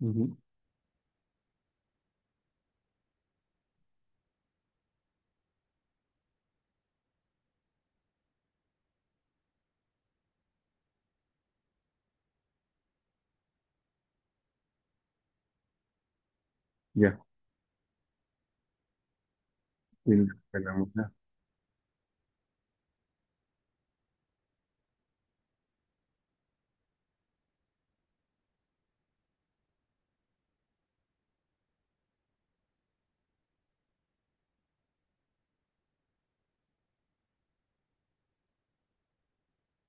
Ujú. Ya, tiene que la mujer.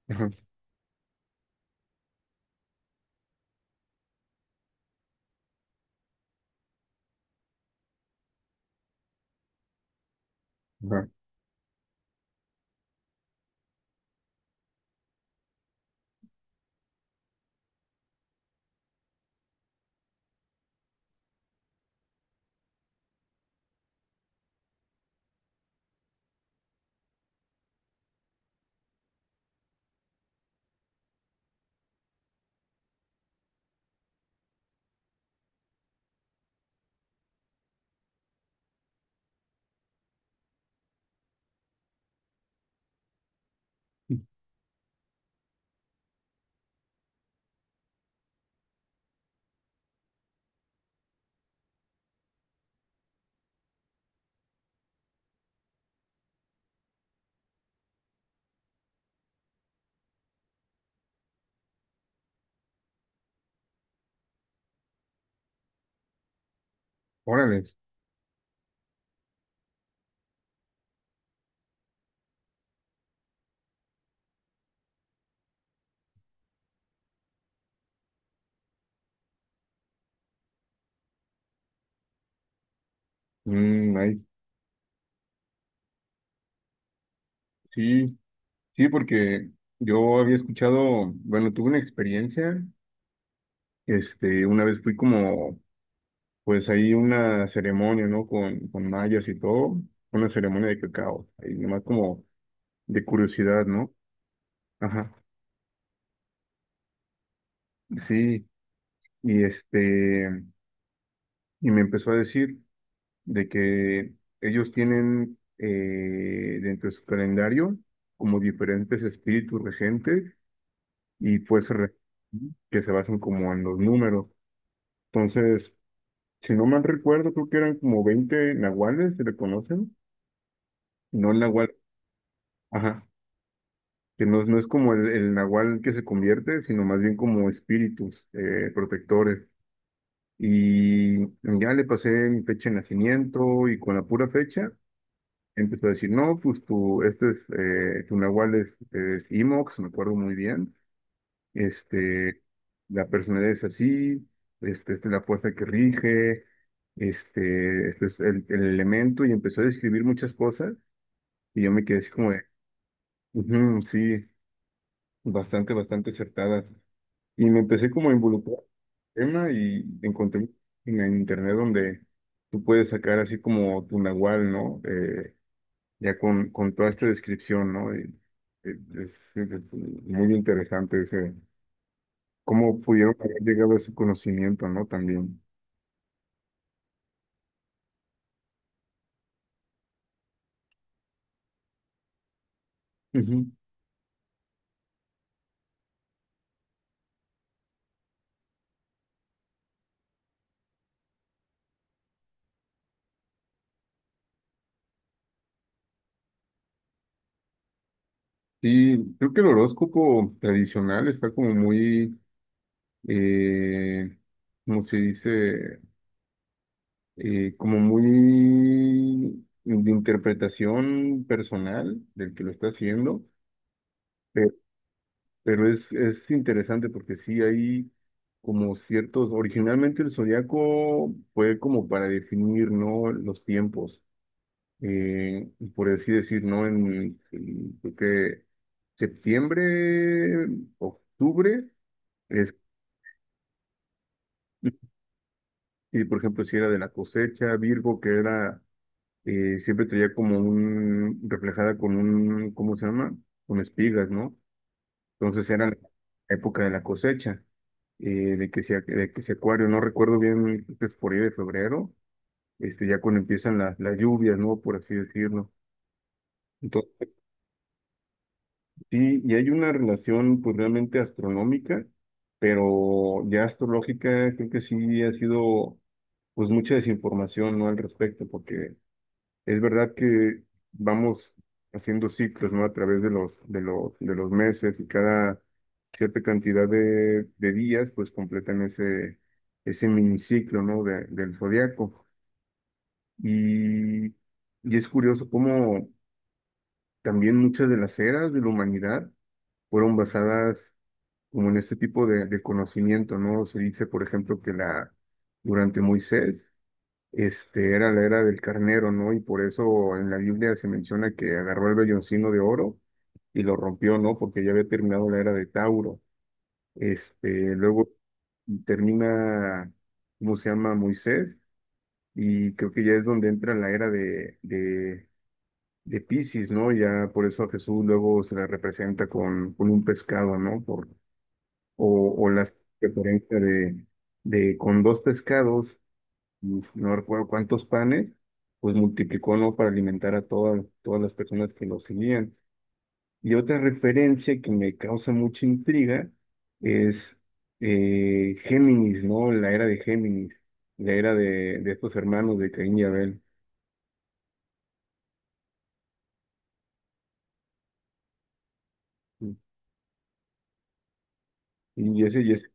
Ajá, ajá. Órale. Mm. Sí, sí, porque yo había escuchado, bueno, tuve una experiencia, este, una vez fui como, pues ahí una ceremonia, ¿no? Con mayas y todo, una ceremonia de cacao, ahí nomás como de curiosidad, ¿no? Ajá, sí, y este, y me empezó a decir, de que ellos tienen dentro de su calendario como diferentes espíritus regentes y que se basan como en los números. Entonces, si no mal recuerdo, creo que eran como 20 nahuales, se le conocen, no el nahual, ajá, que no, no es como el nahual que se convierte, sino más bien como espíritus protectores. Y ya le pasé mi fecha de nacimiento y con la pura fecha. Empezó a decir, no, pues tu, este es, tu nahual es, Imox, me acuerdo muy bien, este, la personalidad es así, este, esta es la fuerza que rige, este es el elemento, y empezó a describir muchas cosas, y yo me quedé así como de, "Ujú, sí, bastante, bastante acertadas", y me empecé como a involucrar en el tema, y encontré en el internet donde tú puedes sacar así como tu nahual, ¿no? Ya con toda esta descripción, ¿no? Y, eh, es muy interesante ese, cómo pudieron haber llegado a ese conocimiento, ¿no? También. Ujú. Sí, creo que el horóscopo tradicional está como muy, eh, ¿cómo se dice? Como muy de interpretación personal del que lo está haciendo. Pero es interesante porque sí hay como ciertos, originalmente el zodiaco fue como para definir, ¿no? Los tiempos, eh, por así decir, ¿no? Creo que septiembre, octubre, es, y por ejemplo, si era de la cosecha, Virgo, que era, siempre traía como un, reflejada con un, ¿cómo se llama? Con espigas, ¿no? Entonces era la época de la cosecha, eh, de que sea acuario, no recuerdo bien, pues por ahí de febrero, este, ya cuando empiezan las lluvias, ¿no? Por así decirlo. Entonces, sí, y hay una relación pues realmente astronómica, pero ya astrológica creo que sí ha sido pues mucha desinformación, ¿no? Al respecto, porque es verdad que vamos haciendo ciclos, ¿no? A través de los meses y cada cierta cantidad de días, pues completan ese miniciclo, ¿no? Del zodiaco. Y es curioso cómo también muchas de las eras de la humanidad fueron basadas como en este tipo de conocimiento, ¿no? Se dice, por ejemplo, que durante Moisés, este, era la era del carnero, ¿no? Y por eso en la Biblia se menciona que agarró el velloncino de oro y lo rompió, ¿no? Porque ya había terminado la era de Tauro. Este, luego termina, ¿cómo se llama? Moisés, y creo que ya es donde entra la era de Piscis, ¿no? Ya por eso a Jesús luego se la representa con un pescado, ¿no? O la referencia de con dos pescados, uf, no recuerdo cuántos panes, pues multiplicó, ¿no? Para alimentar a todas todas las personas que lo seguían. Y otra referencia que me causa mucha intriga es Géminis, ¿no? La era de Géminis, la era de estos hermanos de Caín y Abel. Y ese, y ese-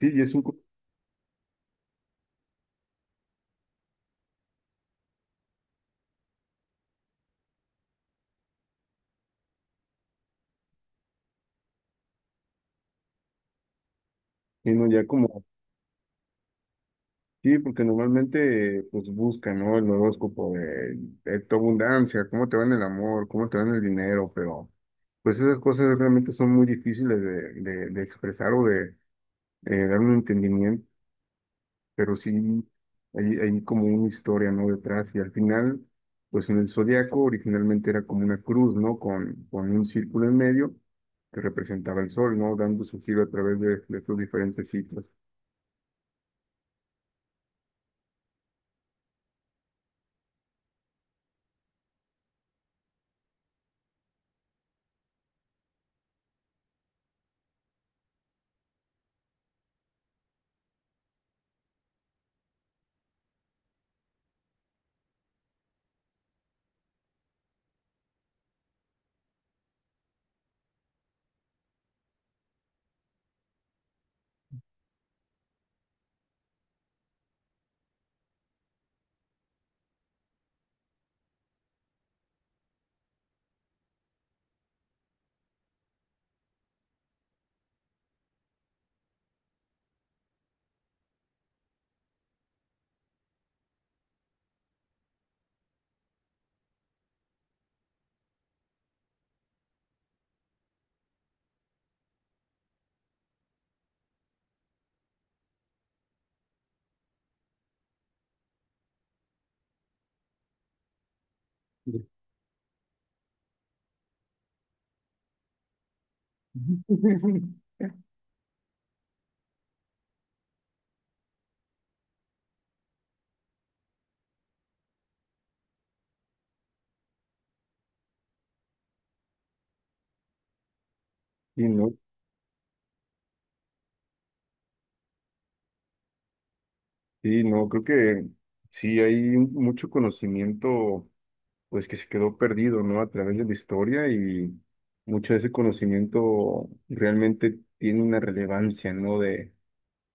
sí, y es un, co- sino ya como sí, porque normalmente pues buscan, ¿no? El horóscopo de tu abundancia, cómo te va en el amor, cómo te va en el dinero, pero pues esas cosas realmente son muy difíciles de expresar o de, dar un entendimiento, pero sí hay como una historia, ¿no? Detrás y al final, pues en el zodiaco originalmente era como una cruz, ¿no? Con un círculo en medio que representaba el sol, ¿no? Dando su giro a través de sus diferentes ciclos. Y no. Sí, no, creo que sí hay mucho conocimiento, pues que se quedó perdido, ¿no? A través de la historia y mucho de ese conocimiento realmente tiene una relevancia, ¿no? De,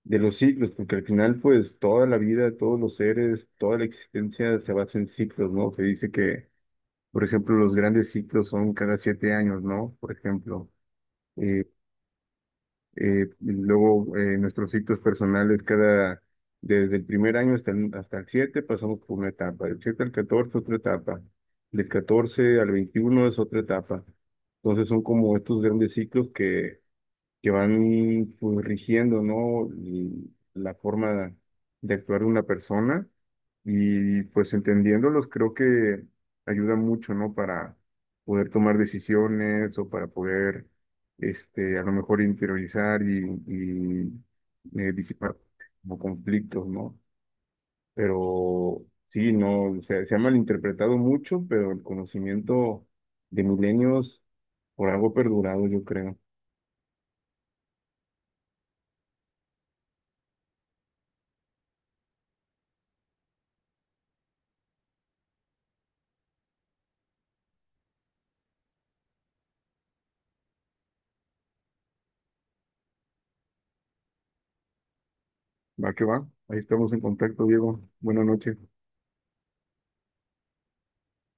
de los ciclos, porque al final, pues toda la vida, todos los seres, toda la existencia se basa en ciclos, ¿no? Se dice que, por ejemplo, los grandes ciclos son cada 7 años, ¿no? Por ejemplo. eh, eh, luego nuestros ciclos personales cada, desde el primer año hasta el 7 pasamos por una etapa, del 7 al 14 otra etapa, del 14 al 21 es otra etapa. Entonces son como estos grandes ciclos que, van pues, rigiendo, ¿no? Y la forma de actuar de una persona y pues entendiéndolos creo que ayuda mucho, ¿no? Para poder tomar decisiones o para poder, este, a lo mejor interiorizar y disipar como conflictos, ¿no? Pero sí, no, o sea, se ha malinterpretado mucho, pero el conocimiento de milenios por algo ha perdurado, yo creo. Va que va. Ahí estamos en contacto, Diego. Buenas noches.